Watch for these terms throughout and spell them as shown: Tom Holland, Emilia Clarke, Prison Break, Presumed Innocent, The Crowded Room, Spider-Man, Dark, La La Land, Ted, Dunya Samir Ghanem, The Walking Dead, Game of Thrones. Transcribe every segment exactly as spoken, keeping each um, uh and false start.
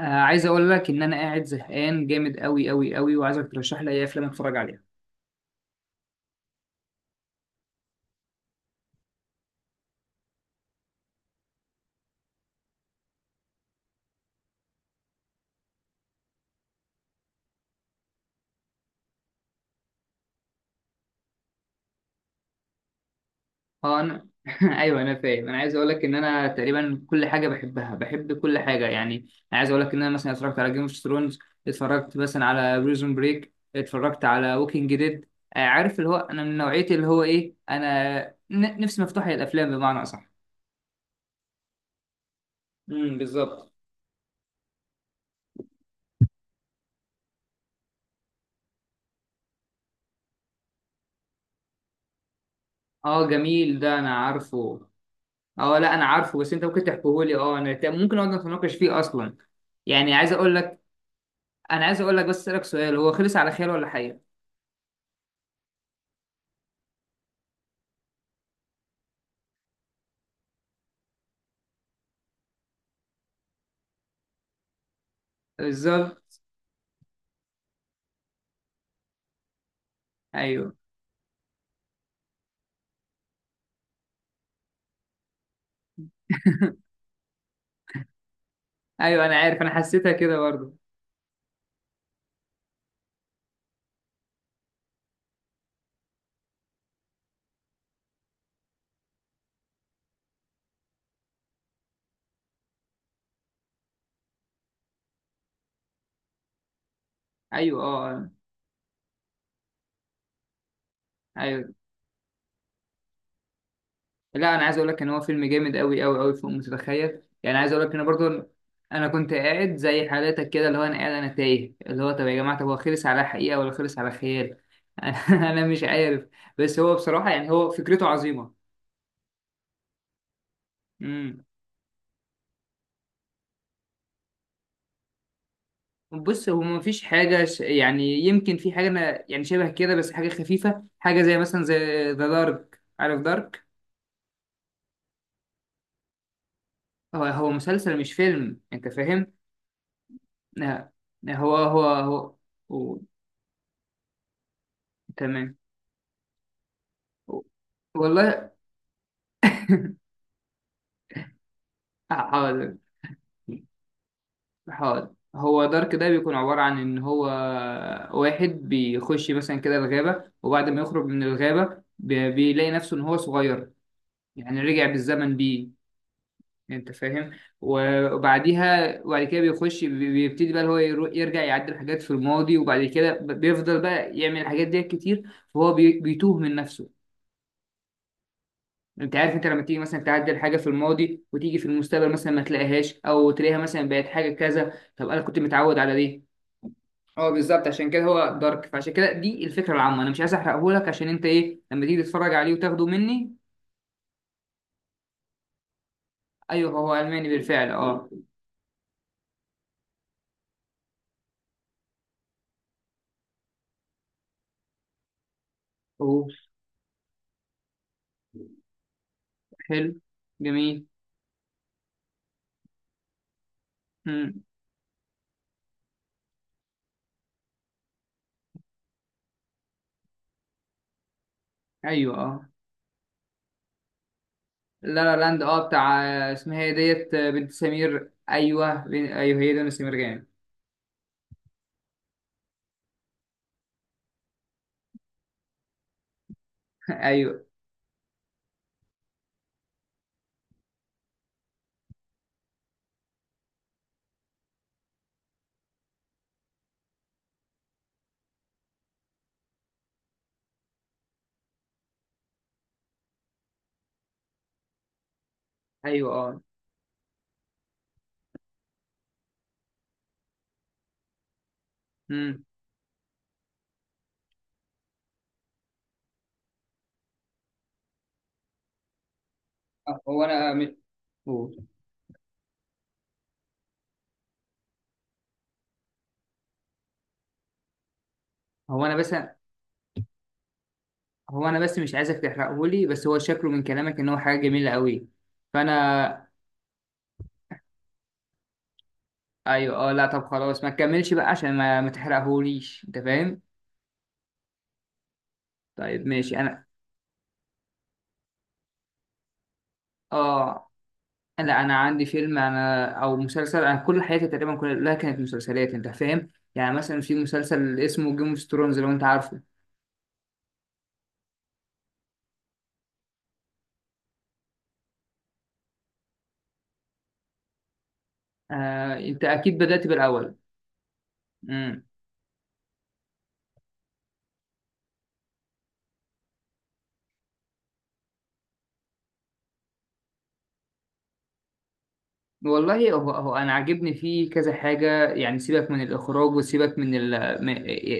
آه عايز اقول لك ان انا قاعد زهقان جامد قوي قوي قوي، وعايزك ترشح لي اي افلام اتفرج عليها. اه انا ايوه، انا فاهم. انا عايز اقول لك ان انا تقريبا كل حاجه بحبها، بحب كل حاجه يعني. انا عايز اقول لك ان انا مثلا اتفرجت على جيم اوف ثرونز، اتفرجت مثلا على بريزون بريك، اتفرجت على ووكينج ديد. آه عارف اللي هو انا من نوعيه اللي هو ايه، انا ن- نفسي مفتوحه للافلام بمعنى اصح. امم، بالظبط. اه جميل، ده انا عارفه. اه لا، انا عارفه بس انت ممكن تحكيهولي. اه انا ت- ممكن اقعد نتناقش فيه اصلا يعني. عايز اقول لك. انا عايز اقول لك، بس اسالك سؤال: هو خلص على خير ولا حقيقة؟ بالظبط. ايوه، ايوه، انا عارف، انا حسيتها كده برضه. ايوه، اه، اه. ايوه، لا انا عايز اقول لك ان هو فيلم جامد قوي قوي قوي فوق ما تتخيل يعني. عايز اقول لك ان برضه انا كنت قاعد زي حالاتك كده، اللي هو انا قاعد انا تايه، اللي هو طب يا جماعه، طب هو خلص على حقيقه ولا خلص على خيال؟ انا مش عارف. بس هو بصراحه يعني هو فكرته عظيمه. بص، هو مفيش حاجة ش... يعني يمكن في حاجة أنا يعني شبه كده، بس حاجة خفيفة، حاجة زي مثلا زي ذا دارك، عارف دارك؟ هو هو مسلسل مش فيلم، أنت فاهم؟ لا. لا، هو هو هو, هو... تمام. والله. حاضر. حاضر، هو دارك ده بيكون عبارة عن إن هو واحد بيخش مثلا كده الغابة، وبعد ما يخرج من الغابة بي- بيلاقي نفسه إن هو صغير. يعني رجع بالزمن بيه. انت فاهم. و- وبعديها وبعد كده بيخش بي- بيبتدي بقى اللي هو يرو- يرجع يعدل حاجات في الماضي، وبعد كده ب- بيفضل بقى يعمل الحاجات دي كتير، فهو بي- بيتوه من نفسه. انت عارف، انت لما تيجي مثلا تعدل حاجه في الماضي وتيجي في المستقبل مثلا ما تلاقيهاش، او تلاقيها مثلا بقت حاجه كذا. طب انا كنت متعود على دي. اه بالظبط، عشان كده هو دارك، فعشان كده دي الفكره العامه. انا مش عايز احرقه لك، عشان انت ايه لما تيجي تتفرج عليه وتاخده مني. ايوه، هو الماني بالفعل، اه. اوه، حلو. جميل. مم. ايوه، اه. لا لا لاند، اه بتاع. اسمها ايه، ديت بنت سمير، ايوه، بن... ايوه، هي دنيا سمير غانم. ايوه. ايوه، اه. امم. هو انا آه، م... هو هو انا بس. هو انا بس مش عايزك تحرقه لي، بس هو شكله من كلامك ان هو حاجه جميله قوي. فانا. ايوه، اه، لا طب خلاص ما تكملش بقى عشان ما ما تحرقهوليش، انت فاهم. طيب ماشي، انا. اه لا، انا عندي فيلم، انا او مسلسل. انا كل حياتي تقريبا كلها كانت مسلسلات، انت فاهم. يعني مثلا في مسلسل اسمه جيم اوف ثرونز، لو انت عارفه. آه، انت اكيد بدأت بالاول. امم. والله، هو هو انا عاجبني فيه كذا حاجه يعني. سيبك من الاخراج وسيبك من ال- م-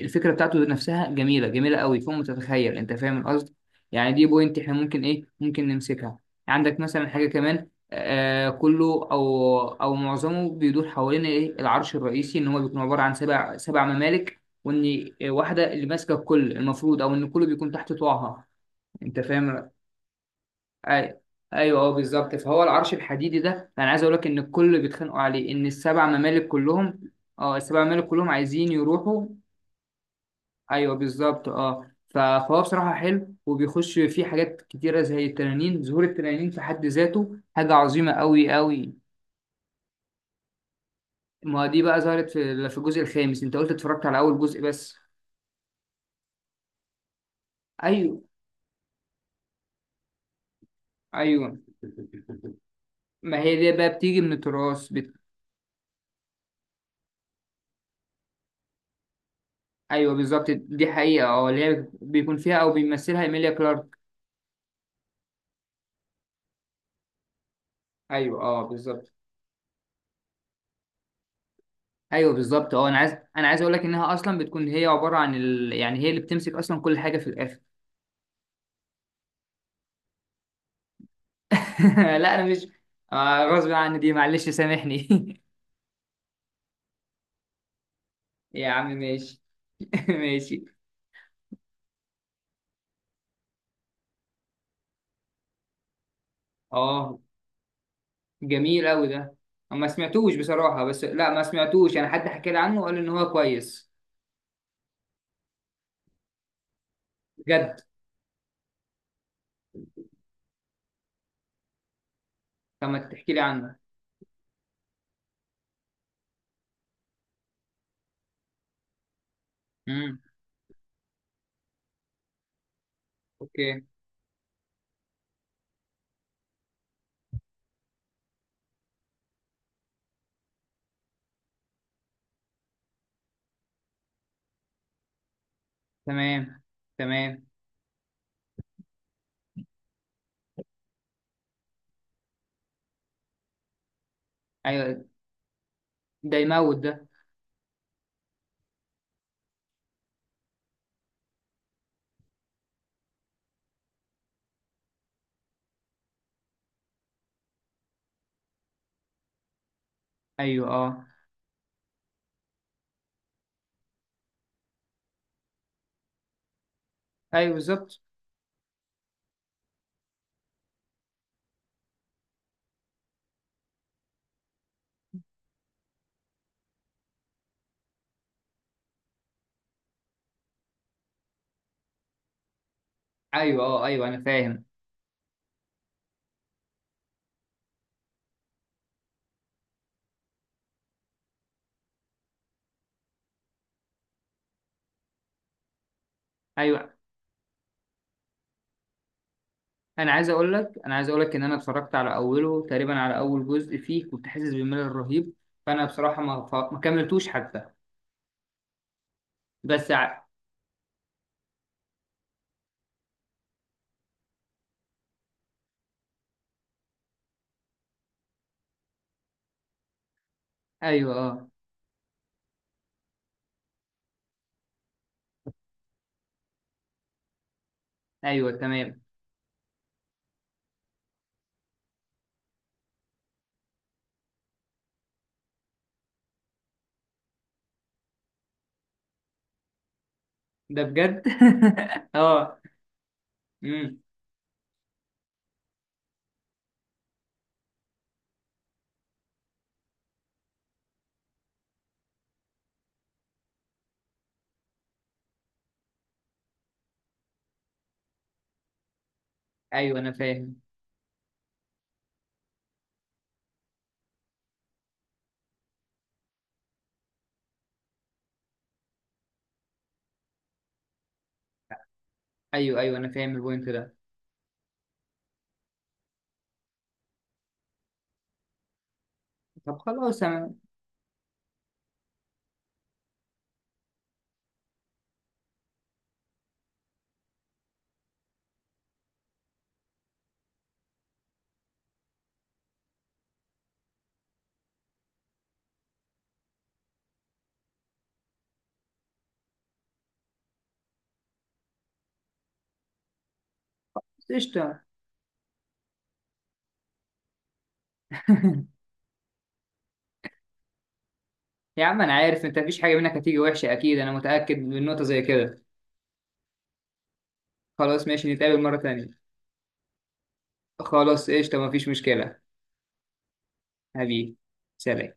الفكره بتاعته نفسها جميله، جميله قوي فوق ما تتخيل، انت فاهم القصد. يعني دي بوينت احنا ممكن ايه، ممكن نمسكها. عندك مثلا حاجه كمان، آه كله او او معظمه بيدور حوالين ايه العرش الرئيسي، ان هو بيكون عباره عن سبع سبع ممالك، وان واحده اللي ماسكه الكل المفروض او ان الكل بيكون تحت طوعها، انت فاهم. ايوه، ايوه، اه، بالظبط. فهو العرش الحديدي ده، انا عايز اقول لك ان الكل بيتخانقوا عليه، ان السبع ممالك كلهم. اه، السبع ممالك كلهم عايزين يروحوا. ايوه، بالظبط، اه. ف- فهو بصراحه حلو، وبيخش فيه حاجات كتيره زي التنانين. ظهور التنانين في حد ذاته حاجه عظيمه قوي قوي. ما دي بقى ظهرت في في الجزء الخامس، انت قلت اتفرجت على اول جزء بس. ايوه، ايوه. ما هي دي بقى بتيجي من التراث بت... ايوه بالظبط، دي حقيقه، اه، اللي هي بيكون فيها او بيمثلها ايميليا كلارك. ايوه، اه، بالظبط. ايوه بالظبط، اه، انا عايز انا عايز اقول لك انها اصلا بتكون هي عباره عن ال... يعني هي اللي بتمسك اصلا كل حاجه في الاخر. لا انا مش. آه غصب عني دي، معلش سامحني. يا عم ماشي. ماشي. اه، جميل قوي ده. ما سمعتوش بصراحه، بس لا ما سمعتوش، انا حد حكى لي عنه وقال ان هو كويس. بجد. طب ما تحكي لي عنه. امم. اوكي. تمام. تمام. ايوه. ده يموت ده. ايوه، اه. ايوه، بالظبط. ايوه، اه، ايوه انا فاهم. ايوه، انا عايز اقول لك انا عايز اقول لك ان انا اتفرجت على اوله، تقريبا على اول جزء فيه، كنت حاسس بملل رهيب. فانا بصراحه ما ف... ما كملتوش حتى. بس ع... ايوه، اه. ايوه، تمام. ده بجد. اه. امم. ايوه، انا فاهم. ايوه، ايوه، انا فاهم البوينت ده. طب خلاص انا. قشطه. يا عم انا عارف انت، مفيش حاجه منك هتيجي وحشه اكيد، انا متاكد من نقطه زي كده. خلاص ماشي، نتقابل مره تانية. خلاص قشطه، مفيش مشكله. حبيبي. سلام.